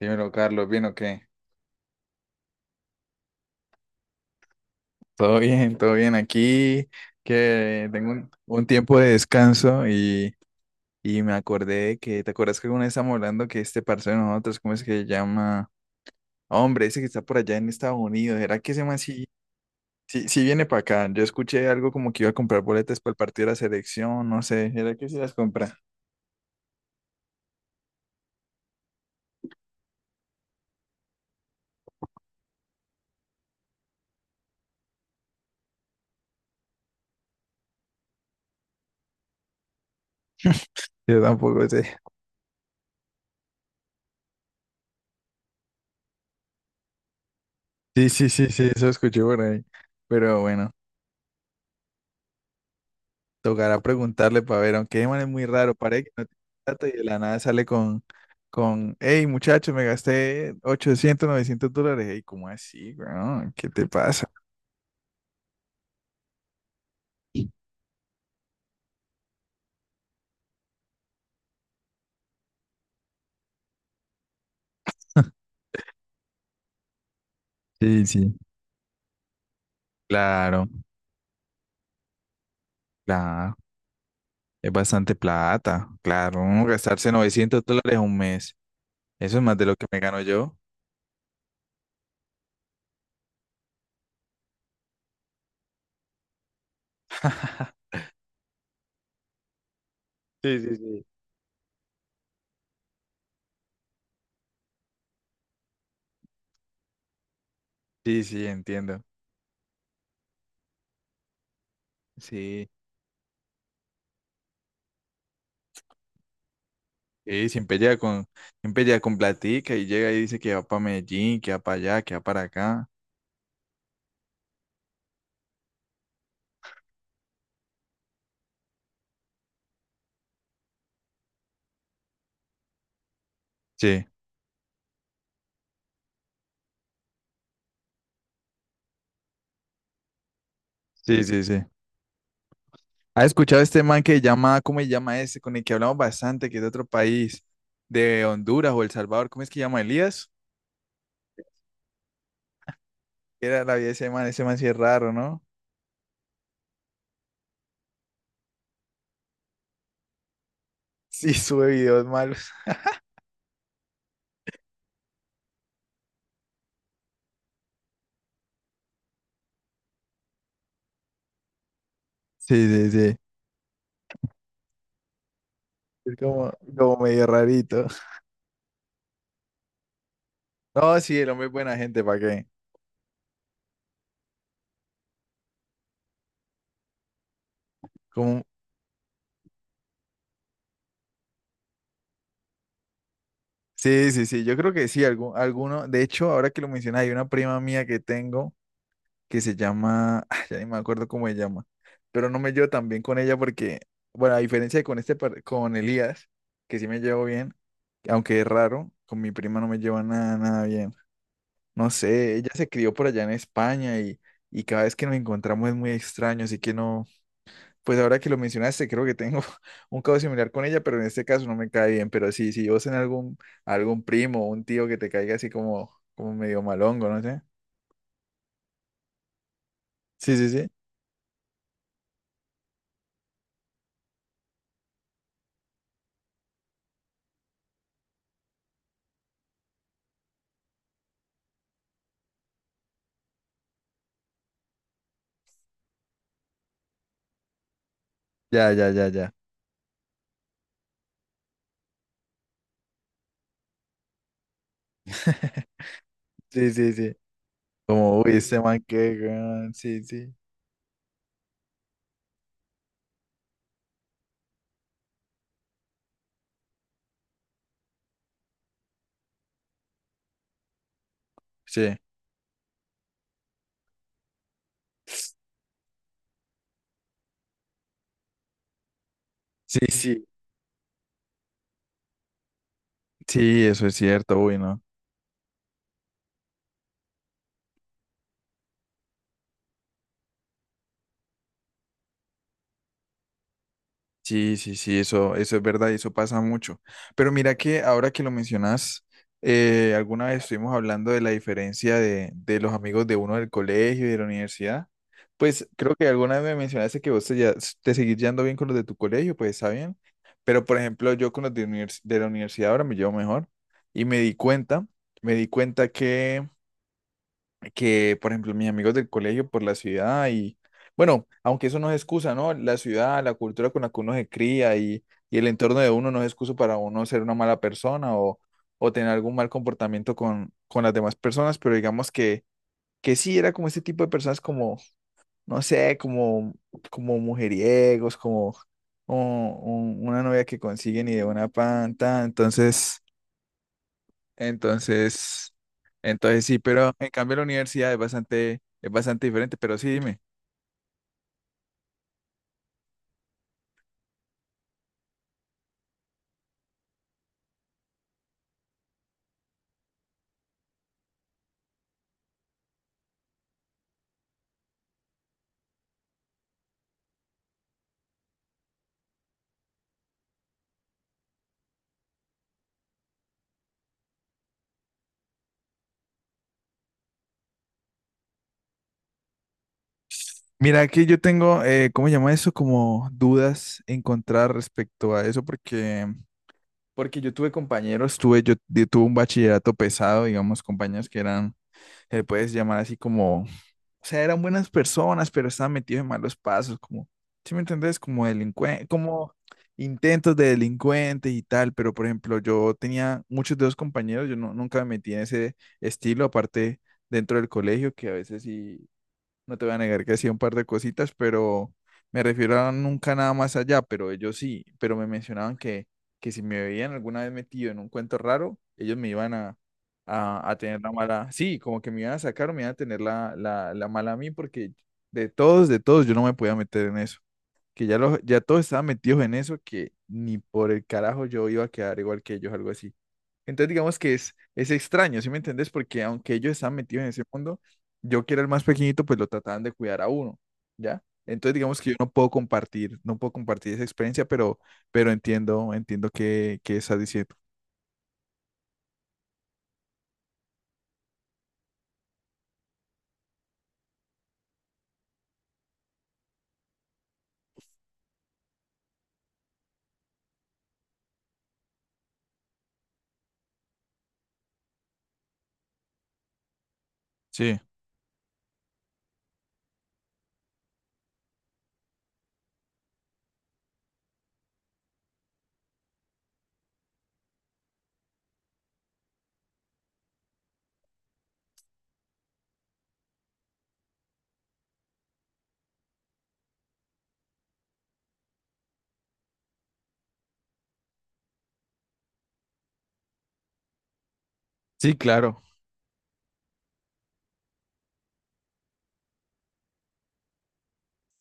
Dímelo, Carlos, ¿bien o qué? Todo bien, todo bien. Aquí que tengo un tiempo de descanso y me acordé de que, ¿te acuerdas que alguna vez estábamos hablando que este parcero de nosotros, ¿cómo es que se llama? Hombre, ese que está por allá en Estados Unidos, ¿era que ese man sí viene para acá? Yo escuché algo como que iba a comprar boletas para el partido de la selección, no sé, ¿era que sí las compra? Yo tampoco sé. Sí, sí, sí, sí, eso escuché por ahí. Pero bueno. Tocará preguntarle para ver, aunque Eman es muy raro, parece que no tiene plata y de la nada sale con, hey muchacho, me gasté 800, $900. Hey, ¿cómo así, weón? ¿Qué te pasa? Sí, sí. Claro, claro, es bastante plata, claro, uno gastarse $900 un mes, eso es más de lo que me gano yo. Sí, sí, sí. Sí, sí, entiendo. Sí, sí, siempre llega con, platica y llega y dice que va para Medellín, que va para allá, que va para acá. Sí, sí, sí, sí. ¿Has escuchado este man que llama, cómo se llama ese, con el que hablamos bastante, que es de otro país, de Honduras o El Salvador? ¿Cómo es que llama Elías? ¿Qué era la vida de ese man sí es raro, ¿no? Sí, sube videos malos. Sí, sí, sí. Es como medio rarito. No, sí, el hombre es buena gente, ¿para qué? Como, sí, sí, sí, yo creo que sí, algún, alguno. De hecho, ahora que lo mencionas, hay una prima mía que tengo, que se llama, ah, ya ni me acuerdo cómo se llama, pero no me llevo tan bien con ella porque, bueno, a diferencia de con este, con Elías, que sí me llevo bien, aunque es raro, con mi prima no me llevo nada, nada bien. No sé, ella se crió por allá en España y cada vez que nos encontramos es muy extraño, así que no, pues ahora que lo mencionaste, creo que tengo un caso similar con ella, pero en este caso no me cae bien, pero sí, si vos en algún, algún primo o un tío que te caiga así como, como medio malongo, no sé. Sí, sí, sí. Ya, ya, ya, ya. Sí, sí, sí. Como, uy, este man que, weón, sí, sí. Sí, sí, sí. Sí, eso es cierto, uy, ¿no? Sí, sí, sí, eso es verdad y eso pasa mucho. Pero mira que ahora que lo mencionas, alguna vez estuvimos hablando de la diferencia de los amigos de uno del colegio y de la universidad. Pues creo que alguna vez me mencionaste que vos te seguís llevando bien con los de tu colegio, pues está bien. Pero por ejemplo, yo con los de la universidad ahora me llevo mejor y me di cuenta que por ejemplo, mis amigos del colegio por la ciudad y, bueno, aunque eso no es excusa, ¿no? La ciudad, la cultura con la que uno se cría y el entorno de uno no es excusa para uno ser una mala persona o tener algún mal comportamiento con las demás personas, pero digamos que sí, era como este tipo de personas como, no sé, como mujeriegos, como... o una novia que consiguen y de una panta, entonces entonces, sí, pero en cambio la universidad es bastante diferente, pero sí, dime. Mira, aquí yo tengo, ¿cómo se llama eso? Como dudas encontrar respecto a eso, porque, porque yo yo tuve un bachillerato pesado, digamos, compañeros que eran, se les puedes llamar así como, o sea, eran buenas personas, pero estaban metidos en malos pasos, como, ¿sí me entendés? Como delincuente, como intentos de delincuentes y tal, pero por ejemplo, yo tenía muchos de los compañeros, yo no, nunca me metí en ese estilo, aparte dentro del colegio, que a veces sí no te voy a negar que hacía un par de cositas, pero me refiero a nunca nada más allá, pero ellos sí, pero me mencionaban que si me veían alguna vez metido en un cuento raro, ellos me iban a tener la mala, sí, como que me iban a sacar o me iban a tener la mala a mí, porque de todos, yo no me podía meter en eso, que ya, los ya todos estaban metidos en eso, que ni por el carajo yo iba a quedar igual que ellos, algo así. Entonces digamos que es extraño, ¿sí me entendés? Porque aunque ellos estaban metidos en ese mundo, yo que era el más pequeñito, pues lo trataban de cuidar a uno, ¿ya? Entonces digamos que yo no puedo compartir, esa experiencia, pero entiendo, entiendo qué estás diciendo. Sí. Sí, claro.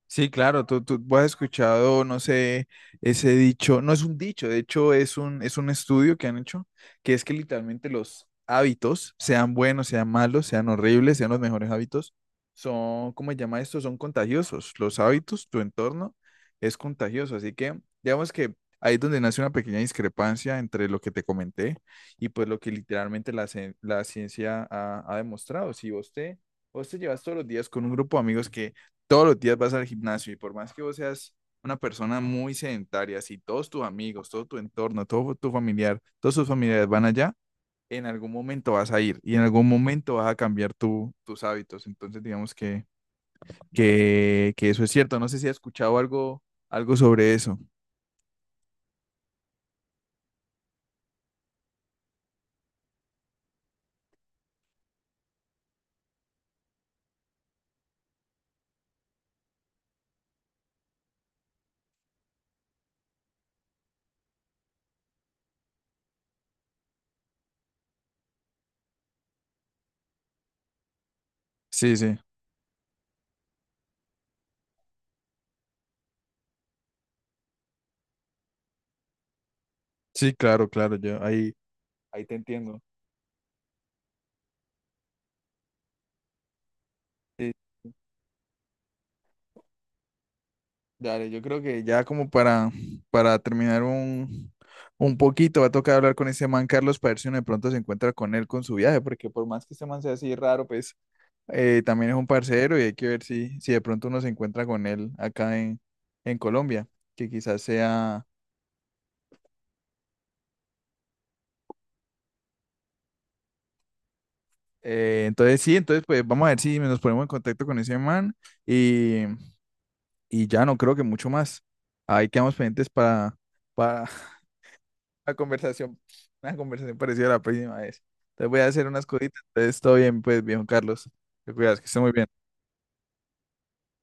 Sí, claro, tú has escuchado, no sé, ese dicho, no es un dicho, de hecho es un estudio que han hecho, que es que literalmente los hábitos, sean buenos, sean malos, sean horribles, sean los mejores hábitos, son, ¿cómo se llama esto? Son contagiosos. Los hábitos, tu entorno es contagioso, así que digamos que ahí es donde nace una pequeña discrepancia entre lo que te comenté y pues lo que literalmente la ciencia ha demostrado. Si vos te llevas todos los días con un grupo de amigos que todos los días vas al gimnasio y por más que vos seas una persona muy sedentaria, si todos tus amigos, todo tu entorno, todo tu familiar, todos tus familiares van allá, en algún momento vas a ir y en algún momento vas a cambiar tu, tus hábitos. Entonces, digamos que, que eso es cierto. No sé si has escuchado algo, sobre eso. Sí, sí, sí, claro, claro, yo ahí, ahí te entiendo. Sí. Sí. Dale, yo creo que ya como para, terminar un poquito, va a tocar hablar con ese man Carlos para ver si uno de pronto se encuentra con él con su viaje, porque por más que ese man sea así raro, pues también es un parcero y hay que ver si, de pronto uno se encuentra con él acá en, Colombia, que quizás sea... entonces sí, entonces pues vamos a ver si nos ponemos en contacto con ese man y, y ya no creo que mucho más. Ahí quedamos pendientes para, para, una conversación, parecida a la próxima vez. Te voy a hacer unas cositas. Entonces, todo bien, pues, viejo Carlos. Te cuidas, que esté muy bien.